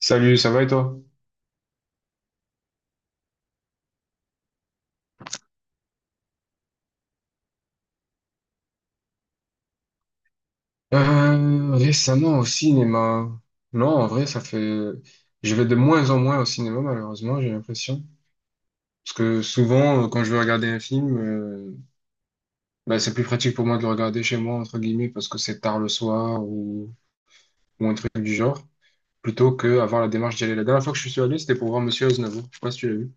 Salut, ça va et toi? Récemment au cinéma. Non, en vrai, ça fait Je vais de moins en moins au cinéma, malheureusement, j'ai l'impression. Parce que souvent, quand je veux regarder un film, bah, c'est plus pratique pour moi de le regarder chez moi, entre guillemets, parce que c'est tard le soir ou un truc du genre, plutôt que avoir la démarche d'y aller. La dernière fois que je suis allé, c'était pour voir Monsieur Aznavour. Je sais pas si tu l'as vu.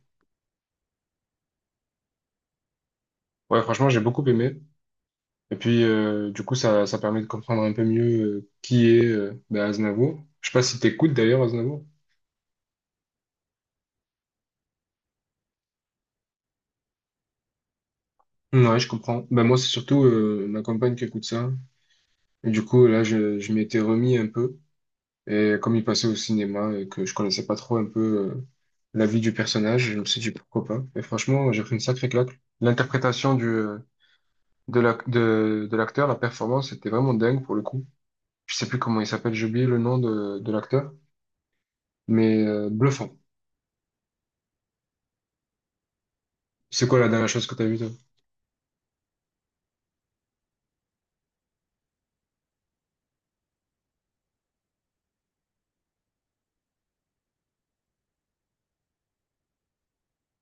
Ouais, franchement, j'ai beaucoup aimé. Et puis, du coup, ça permet de comprendre un peu mieux qui est bah, Aznavour. Je sais pas si t'écoutes d'ailleurs Aznavour. Ouais, je comprends. Ben moi, c'est surtout ma compagne qui écoute ça. Et du coup, là, je m'étais remis un peu. Et comme il passait au cinéma et que je connaissais pas trop un peu euh, la vie du personnage, je me suis dit pourquoi pas. Et franchement, j'ai pris une sacrée claque. L'interprétation du de l'acteur, la performance était vraiment dingue pour le coup. Je sais plus comment il s'appelle, j'ai oublié le nom de l'acteur, mais bluffant. C'est quoi la dernière chose que t'as vue, toi?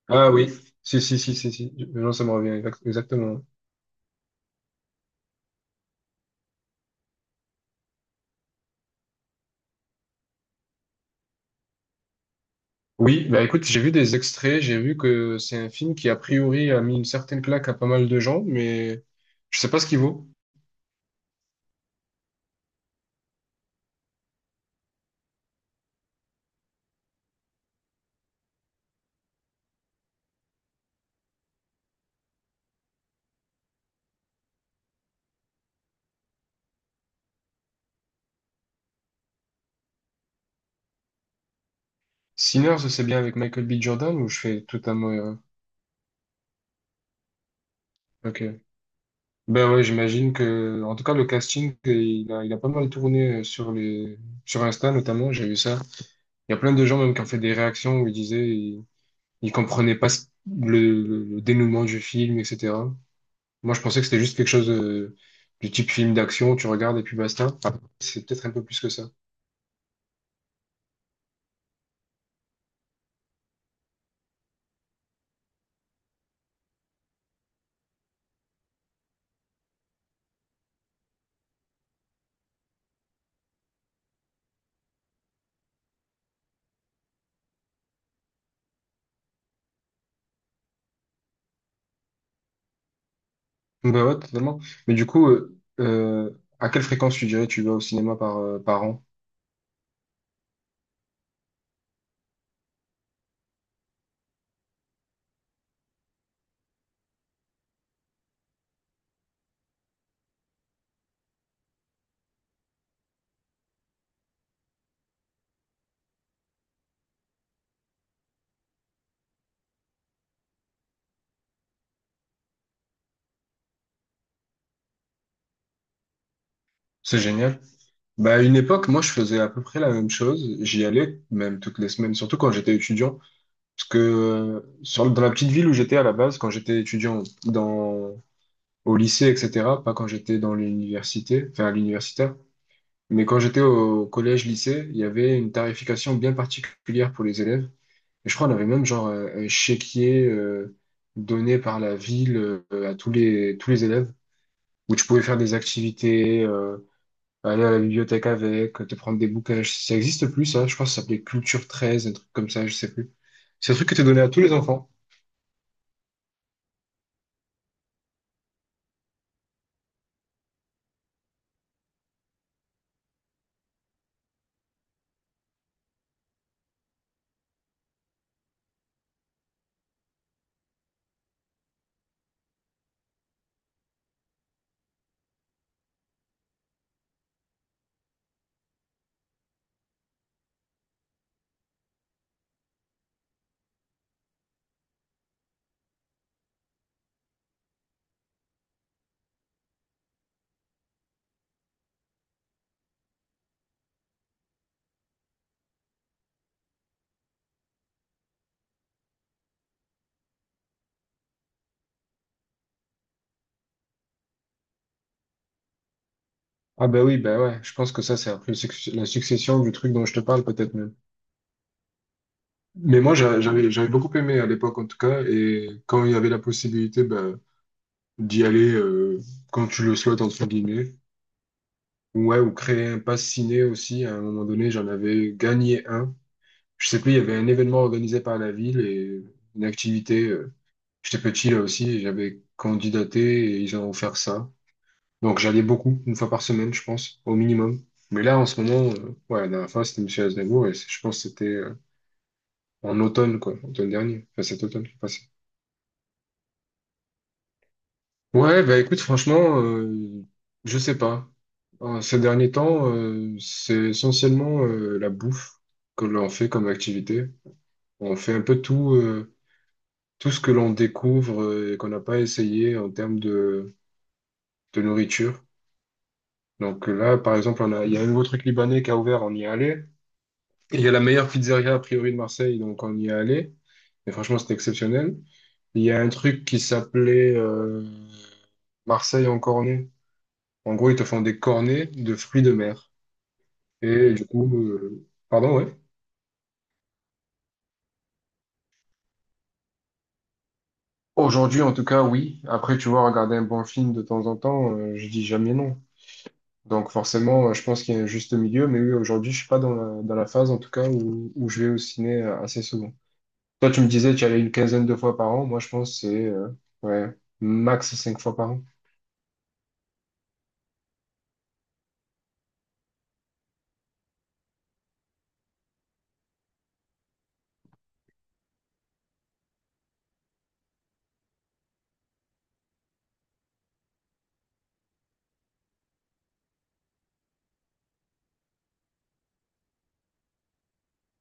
Ah oui, si, si, si, si, si. Non, ça me revient exactement. Oui, bah écoute, j'ai vu des extraits, j'ai vu que c'est un film qui a priori a mis une certaine claque à pas mal de gens, mais je sais pas ce qu'il vaut. Sinners, c'est bien avec Michael B. Jordan ou je fais totalement erreur? Ok. Ben ouais, j'imagine que, en tout cas, le casting, il a pas mal tourné sur sur Insta notamment, j'ai vu ça. Il y a plein de gens même qui ont fait des réactions où ils disaient, ils comprenaient pas le dénouement du film, etc. Moi, je pensais que c'était juste quelque chose du type film d'action, tu regardes et puis basta. Ah, c'est peut-être un peu plus que ça. Bah ouais, totalement. Mais du coup, à quelle fréquence tu dirais tu vas au cinéma par, par an? C'est génial. Bah, à une époque, moi, je faisais à peu près la même chose. J'y allais, même toutes les semaines, surtout quand j'étais étudiant. Parce que dans la petite ville où j'étais à la base, quand j'étais étudiant dans, au lycée, etc., pas quand j'étais dans l'université, enfin à l'universitaire, mais quand j'étais au collège-lycée, il y avait une tarification bien particulière pour les élèves. Et je crois qu'on avait même genre un chéquier donné par la ville à tous les élèves, où tu pouvais faire des activités, aller à la bibliothèque avec, te prendre des bouquins. Ça existe plus, ça. Je crois que ça s'appelait Culture 13, un truc comme ça, je sais plus. C'est un truc qui était donné à tous les enfants. Ah bah oui, bah ouais, je pense que ça, c'est après la succession du truc dont je te parle, peut-être même. Mais moi, j'avais beaucoup aimé à l'époque, en tout cas, et quand il y avait la possibilité bah, d'y aller quand tu le souhaites, entre guillemets. Ouais, ou créer un pass ciné aussi. À un moment donné, j'en avais gagné un. Je sais plus, il y avait un événement organisé par la ville et une activité. J'étais petit là aussi et j'avais candidaté et ils ont offert ça. Donc j'allais beaucoup, une fois par semaine, je pense, au minimum. Mais là, en ce moment, ouais, la dernière fois, c'était Monsieur Aznavour et je pense que c'était en automne, quoi, automne dernier, enfin cet automne qui est… Ouais, bah écoute, franchement, je sais pas. En ces derniers temps, c'est essentiellement la bouffe que l'on fait comme activité. On fait un peu tout, tout ce que l'on découvre et qu'on n'a pas essayé en termes de nourriture. Donc là, par exemple, il y a un nouveau truc libanais qui a ouvert, on y est allé. Et il y a la meilleure pizzeria a priori de Marseille, donc on y est allé. Et franchement, c'était exceptionnel. Il y a un truc qui s'appelait Marseille en cornet. En gros, ils te font des cornets de fruits de mer. Et du coup, pardon, ouais. Aujourd'hui, en tout cas, oui. Après, tu vois, regarder un bon film de temps en temps, je dis jamais non. Donc forcément, je pense qu'il y a un juste milieu. Mais oui, aujourd'hui, je suis pas dans dans la phase, en tout cas, où je vais au ciné assez souvent. Toi, tu me disais, tu y allais une quinzaine de fois par an. Moi, je pense que c'est ouais, max cinq fois par an.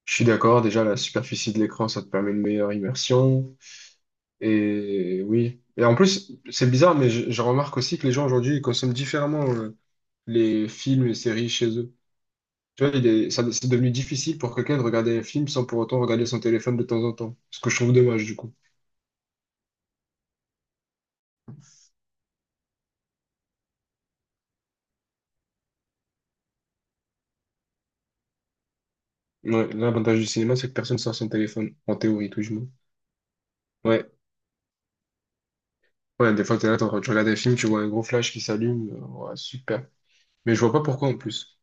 Je suis d'accord. Déjà, la superficie de l'écran, ça te permet une meilleure immersion. Et oui. Et en plus, c'est bizarre, mais je remarque aussi que les gens aujourd'hui, ils consomment différemment les films et séries chez eux. Tu vois, c'est devenu difficile pour quelqu'un de regarder un film sans pour autant regarder son téléphone de temps en temps. Ce que je trouve dommage, du coup. Ouais, l'avantage du cinéma, c'est que personne sort son téléphone, en théorie, tout du moins. Ouais, ouais, des fois, t'es là, t'es en train de regarder un film, tu vois un gros flash qui s'allume. Ouais, super. Mais je vois pas pourquoi en plus.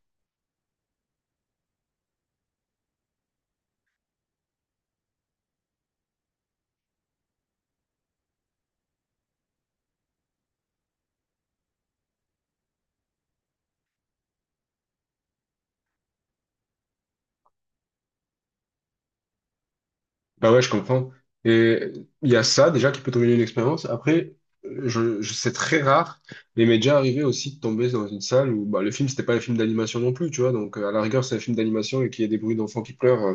Bah ouais, je comprends. Et il y a ça déjà qui peut te une expérience. Après, c'est très rare, mais il m'est déjà arrivé aussi de tomber dans une salle où bah, le film, c'était pas un film d'animation non plus, tu vois. Donc, à la rigueur, c'est un film d'animation et qu'il y ait des bruits d'enfants qui pleurent,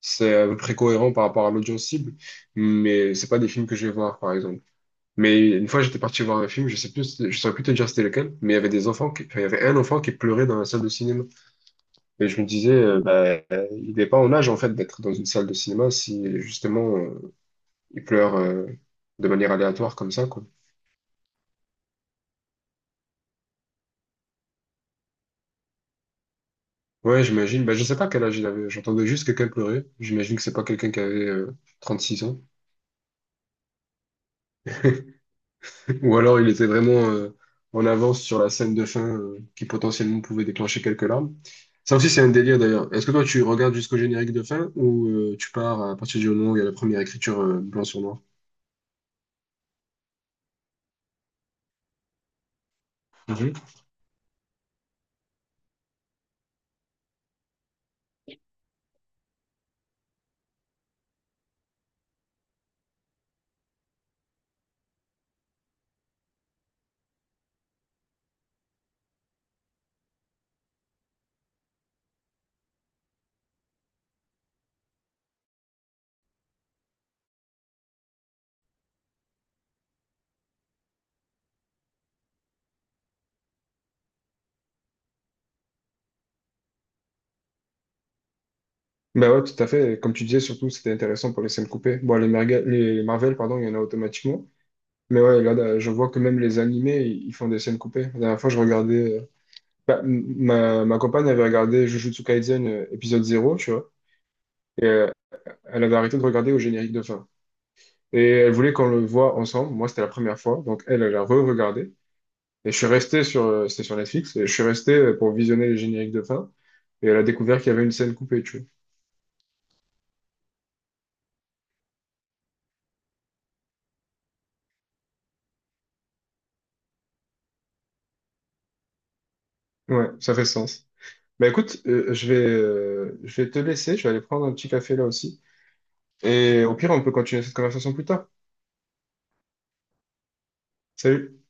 c'est à peu près cohérent par rapport à l'audience cible. Mais c'est pas des films que je vais voir, par exemple. Mais une fois, j'étais parti voir un film, je sais plus, je saurais plus te dire c'était lequel, mais il y avait des enfants qui, enfin, il y avait un enfant qui pleurait dans la salle de cinéma. Et je me disais, il n'est pas en âge, en fait, d'être dans une salle de cinéma si, justement, il pleure de manière aléatoire comme ça, quoi. Ouais, j'imagine. Bah, je sais pas quel âge il avait. J'entendais juste quelqu'un pleurer. J'imagine que c'est pas quelqu'un qui avait six ans. Ou alors il était vraiment en avance sur la scène de fin qui potentiellement pouvait déclencher quelques larmes. Ça aussi, c'est un délire d'ailleurs. Est-ce que toi, tu regardes jusqu'au générique de fin ou tu pars à partir du moment où il y a la première écriture blanc sur noir? Mhm. Bah ouais, tout à fait. Comme tu disais, surtout, c'était intéressant pour les scènes coupées. Bon, les Marvel, pardon, il y en a automatiquement. Mais ouais, là, je vois que même les animés, ils font des scènes coupées. La dernière fois, je regardais. Ma compagne avait regardé Jujutsu Kaisen épisode 0, tu vois. Et elle avait arrêté de regarder au générique de fin. Et elle voulait qu'on le voit ensemble. Moi, c'était la première fois. Donc, elle a re-regardé. Et je suis resté sur. C'était sur Netflix. Et je suis resté pour visionner les génériques de fin. Et elle a découvert qu'il y avait une scène coupée, tu vois. Ouais, ça fait sens. Bah écoute, je vais te laisser. Je vais aller prendre un petit café là aussi. Et au pire, on peut continuer cette conversation plus tard. Salut.